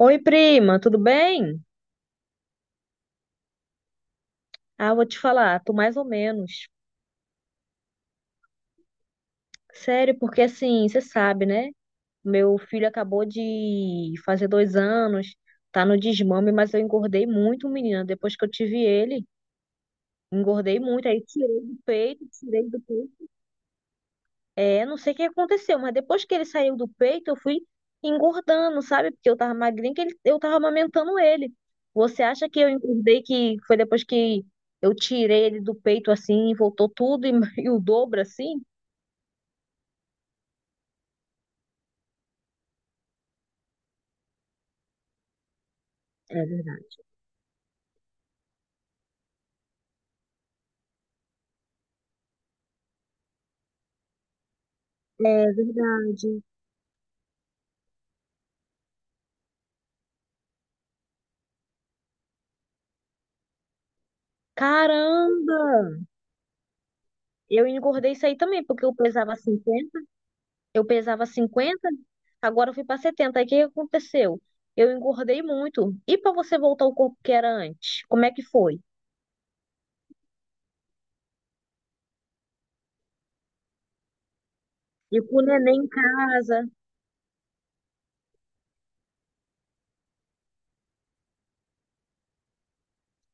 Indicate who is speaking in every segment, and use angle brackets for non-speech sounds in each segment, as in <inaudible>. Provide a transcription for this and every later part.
Speaker 1: Oi, prima, tudo bem? Ah, vou te falar, tô mais ou menos. Sério, porque assim, você sabe, né? Meu filho acabou de fazer 2 anos, tá no desmame, mas eu engordei muito, menina. Depois que eu tive ele, engordei muito. Aí tirei do peito, tirei do peito. É, não sei o que aconteceu, mas depois que ele saiu do peito, eu fui engordando, sabe? Porque eu tava magrinha, eu tava amamentando ele. Você acha que eu engordei que foi depois que eu tirei ele do peito assim, e voltou tudo e, <laughs> e o dobro assim? É verdade. É verdade. Caramba! Eu engordei isso aí também, porque eu pesava 50, eu pesava 50, agora eu fui para 70. Aí o que que aconteceu? Eu engordei muito. E para você voltar ao corpo que era antes? Como é que foi? E com o neném em casa.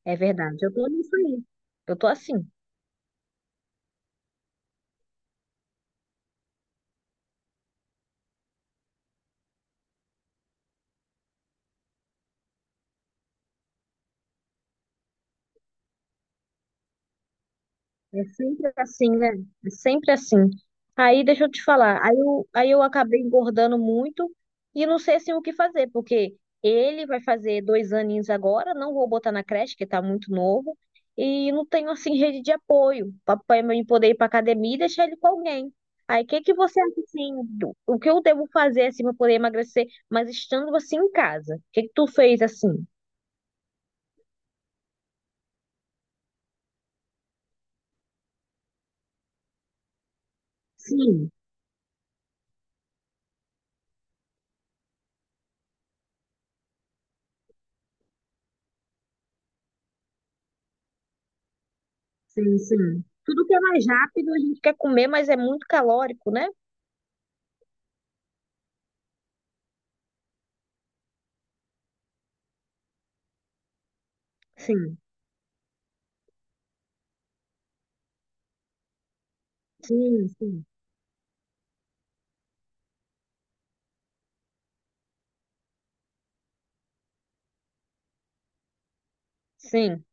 Speaker 1: É verdade, eu tô nisso aí. Eu tô assim. É sempre assim, né? É sempre assim. Aí, deixa eu te falar. Aí eu acabei engordando muito e não sei assim o que fazer, porque ele vai fazer 2 aninhos agora, não vou botar na creche, que tá muito novo, e não tenho assim rede de apoio para mim poder ir pra academia e deixar ele com alguém. Aí, o que que você acha assim, o que eu devo fazer assim para poder emagrecer, mas estando assim em casa? O que que tu fez assim? Sim. Sim, sim. Tudo que é mais rápido a gente quer comer, mas é muito calórico, né? Sim, sim, sim. Sim.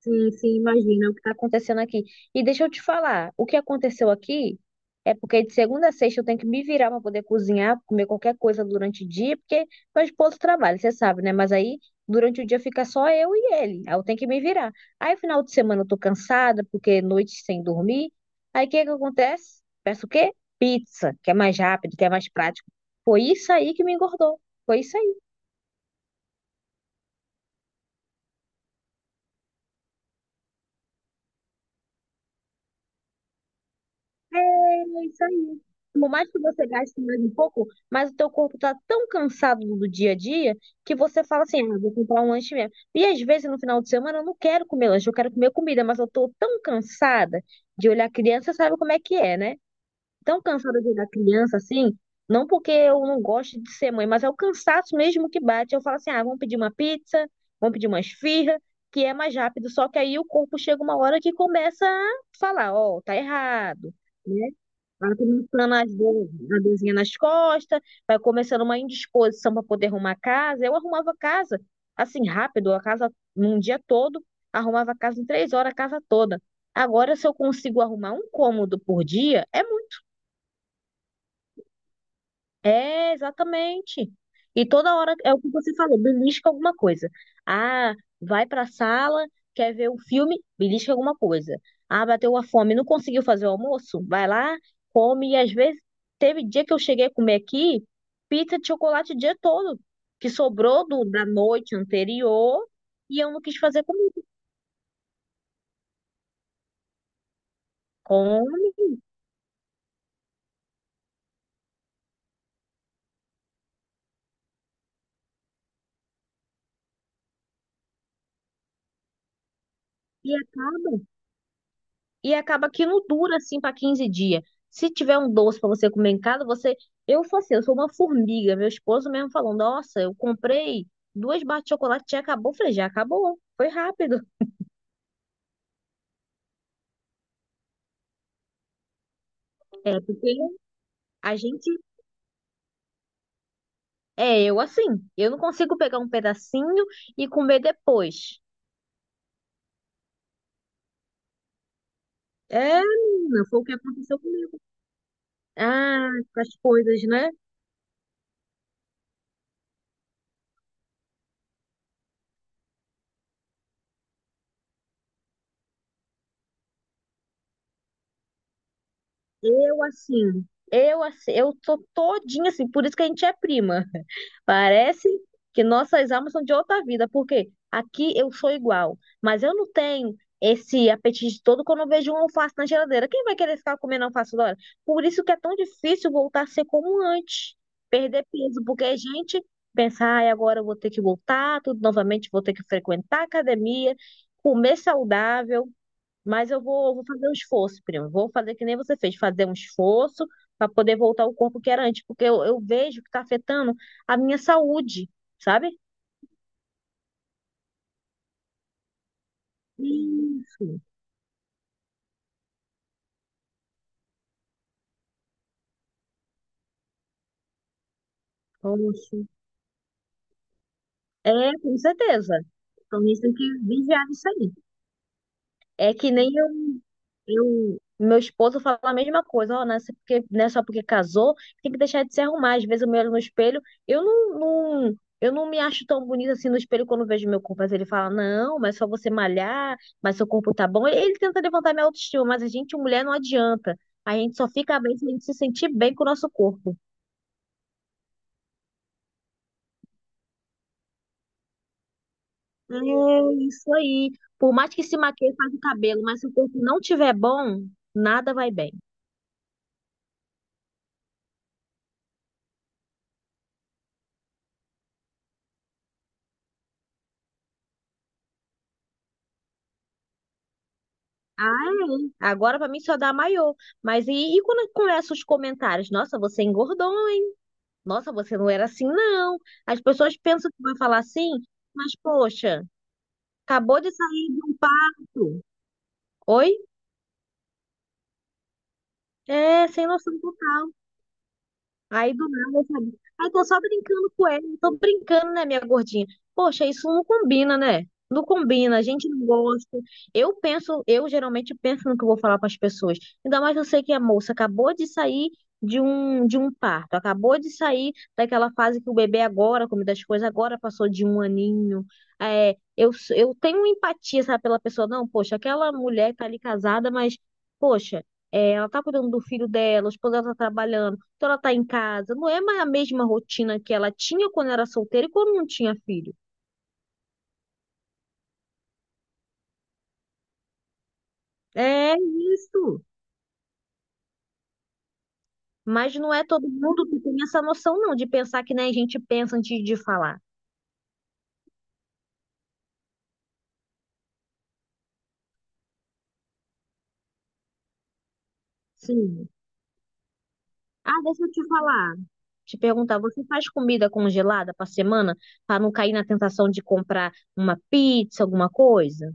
Speaker 1: Sim, sim, imagina o que está acontecendo aqui. E deixa eu te falar, o que aconteceu aqui é porque de segunda a sexta eu tenho que me virar para poder cozinhar, comer qualquer coisa durante o dia, porque meu esposo trabalha, você sabe, né? Mas aí durante o dia fica só eu e ele, aí eu tenho que me virar. Aí final de semana eu tô cansada, porque noite sem dormir. Aí o que que acontece? Peço o quê? Pizza, que é mais rápido, que é mais prático. Foi isso aí que me engordou. Foi isso aí. É isso aí. Por mais que você gaste mais um pouco, mas o teu corpo tá tão cansado do dia a dia que você fala assim, ah, vou comprar um lanche mesmo. E às vezes no final de semana eu não quero comer lanche, eu quero comer comida, mas eu tô tão cansada de olhar criança, sabe como é que é, né? Tão cansada de olhar criança assim, não porque eu não gosto de ser mãe, mas é o cansaço mesmo que bate. Eu falo assim, ah, vamos pedir uma pizza, vamos pedir uma esfirra, que é mais rápido. Só que aí o corpo chega uma hora que começa a falar, ó, tá errado, né? Vai começando as dor- A dorzinha nas costas, vai começando uma indisposição para poder arrumar a casa. Eu arrumava a casa assim rápido, a casa num dia todo, arrumava a casa em 3 horas, a casa toda. Agora, se eu consigo arrumar um cômodo por dia, é é, exatamente. E toda hora é o que você falou, belisca alguma coisa. Ah, vai pra sala, quer ver um filme, belisca alguma coisa. Ah, bateu uma fome, não conseguiu fazer o almoço? Vai lá, come. E às vezes, teve dia que eu cheguei a comer aqui pizza de chocolate o dia todo, que sobrou da noite anterior e eu não quis fazer comigo. Come e acaba. Que não dura assim para 15 dias. Se tiver um doce para você comer em casa, você. Eu sou assim, eu sou uma formiga. Meu esposo mesmo falou: Nossa, eu comprei duas barras de chocolate, já acabou. Eu falei: Já acabou, foi rápido. É, porque a gente. É, eu assim, eu não consigo pegar um pedacinho e comer depois. É, menina, foi o que aconteceu comigo. Ah, com as coisas, né? Eu assim, eu assim, eu tô todinha assim, por isso que a gente é prima. <laughs> Parece que nossas almas são de outra vida, porque aqui eu sou igual, mas eu não tenho esse apetite todo quando eu vejo um alface na geladeira. Quem vai querer ficar comendo alface toda hora? Por isso que é tão difícil voltar a ser como antes, perder peso, porque a gente pensa, ai, agora eu vou ter que voltar, tudo novamente, vou ter que frequentar a academia, comer saudável. Mas eu vou, vou fazer um esforço, primo. Vou fazer que nem você fez, fazer um esforço para poder voltar ao corpo que era antes, porque eu vejo que está afetando a minha saúde, sabe? Isso, isso. É, com certeza. Então, isso tem que vigiar isso aí. É que nem Meu esposo fala a mesma coisa, ó, não é só porque casou, tem que deixar de se arrumar. Às vezes eu me olho no espelho, eu não me acho tão bonita assim no espelho quando vejo meu corpo. Mas ele fala, não, mas só você malhar, mas seu corpo tá bom. Ele tenta levantar minha autoestima, mas a gente, mulher, não adianta. A gente só fica bem se a gente se sentir bem com o nosso corpo. É isso aí. Por mais que se maqueie, faz o cabelo, mas se o corpo não tiver bom, nada vai bem. Ah, é. Agora pra mim só dá maiô. Mas e quando começam os comentários? Nossa, você engordou, hein? Nossa, você não era assim, não. As pessoas pensam que vai falar assim, mas poxa, acabou de sair de um parto. Oi? É, sem noção total. Aí do nada, sabe? Aí tô só brincando com ele, tô brincando, né, minha gordinha? Poxa, isso não combina, né? Não combina, a gente não gosta. Eu penso, eu geralmente penso no que eu vou falar para as pessoas. Ainda mais eu sei que a moça acabou de sair de um parto, acabou de sair daquela fase que o bebê agora, come das coisas, agora passou de um aninho. É, eu tenho empatia, sabe, pela pessoa. Não, poxa, aquela mulher tá ali casada, mas, poxa, é, ela tá cuidando do filho dela, o esposo dela tá trabalhando. Então ela tá em casa. Não é mais a mesma rotina que ela tinha quando era solteira e quando não tinha filho. É isso. Mas não é todo mundo que tem essa noção, não, de pensar que nem a gente pensa antes de falar. Sim. Ah, deixa eu te falar. Te perguntar, você faz comida congelada para semana para não cair na tentação de comprar uma pizza, alguma coisa?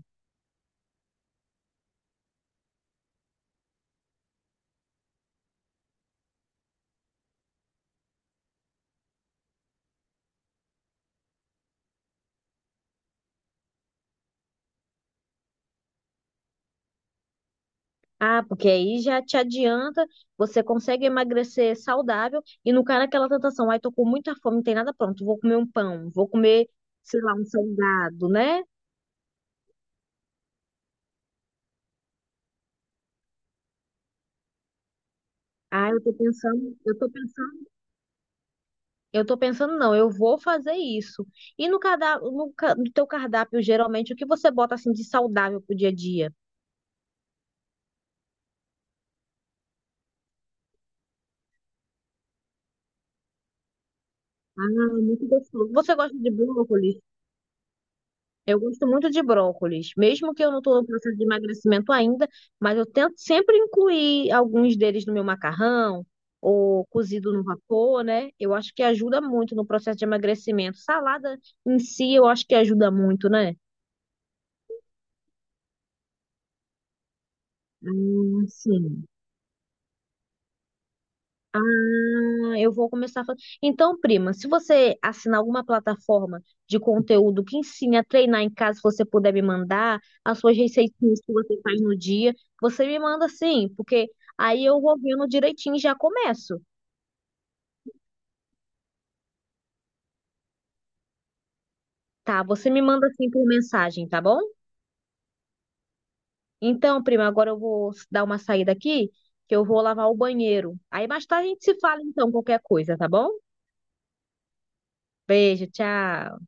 Speaker 1: Ah, porque aí já te adianta, você consegue emagrecer saudável e não cai naquela tentação. Ai, tô com muita fome, não tem nada pronto. Vou comer um pão, vou comer, sei lá, um salgado, né? Ah, eu tô pensando, eu tô pensando, eu tô pensando, não, eu vou fazer isso. E no cardápio, no teu cardápio, geralmente, o que você bota assim de saudável pro dia a dia? Ah, muito gostoso. Você gosta de brócolis? Eu gosto muito de brócolis, mesmo que eu não estou no processo de emagrecimento ainda, mas eu tento sempre incluir alguns deles no meu macarrão ou cozido no vapor, né? Eu acho que ajuda muito no processo de emagrecimento. Salada em si, eu acho que ajuda muito, né? Sim. Ah, eu vou começar a fazer. Então, prima, se você assinar alguma plataforma de conteúdo que ensine a treinar em casa, se você puder me mandar as suas receitinhas que você faz no dia, você me manda sim, porque aí eu vou vendo direitinho e já começo, tá? Você me manda assim por mensagem, tá bom? Então, prima, agora eu vou dar uma saída aqui, que eu vou lavar o banheiro. Aí mais tarde a gente se fala, então, qualquer coisa, tá bom? Beijo, tchau.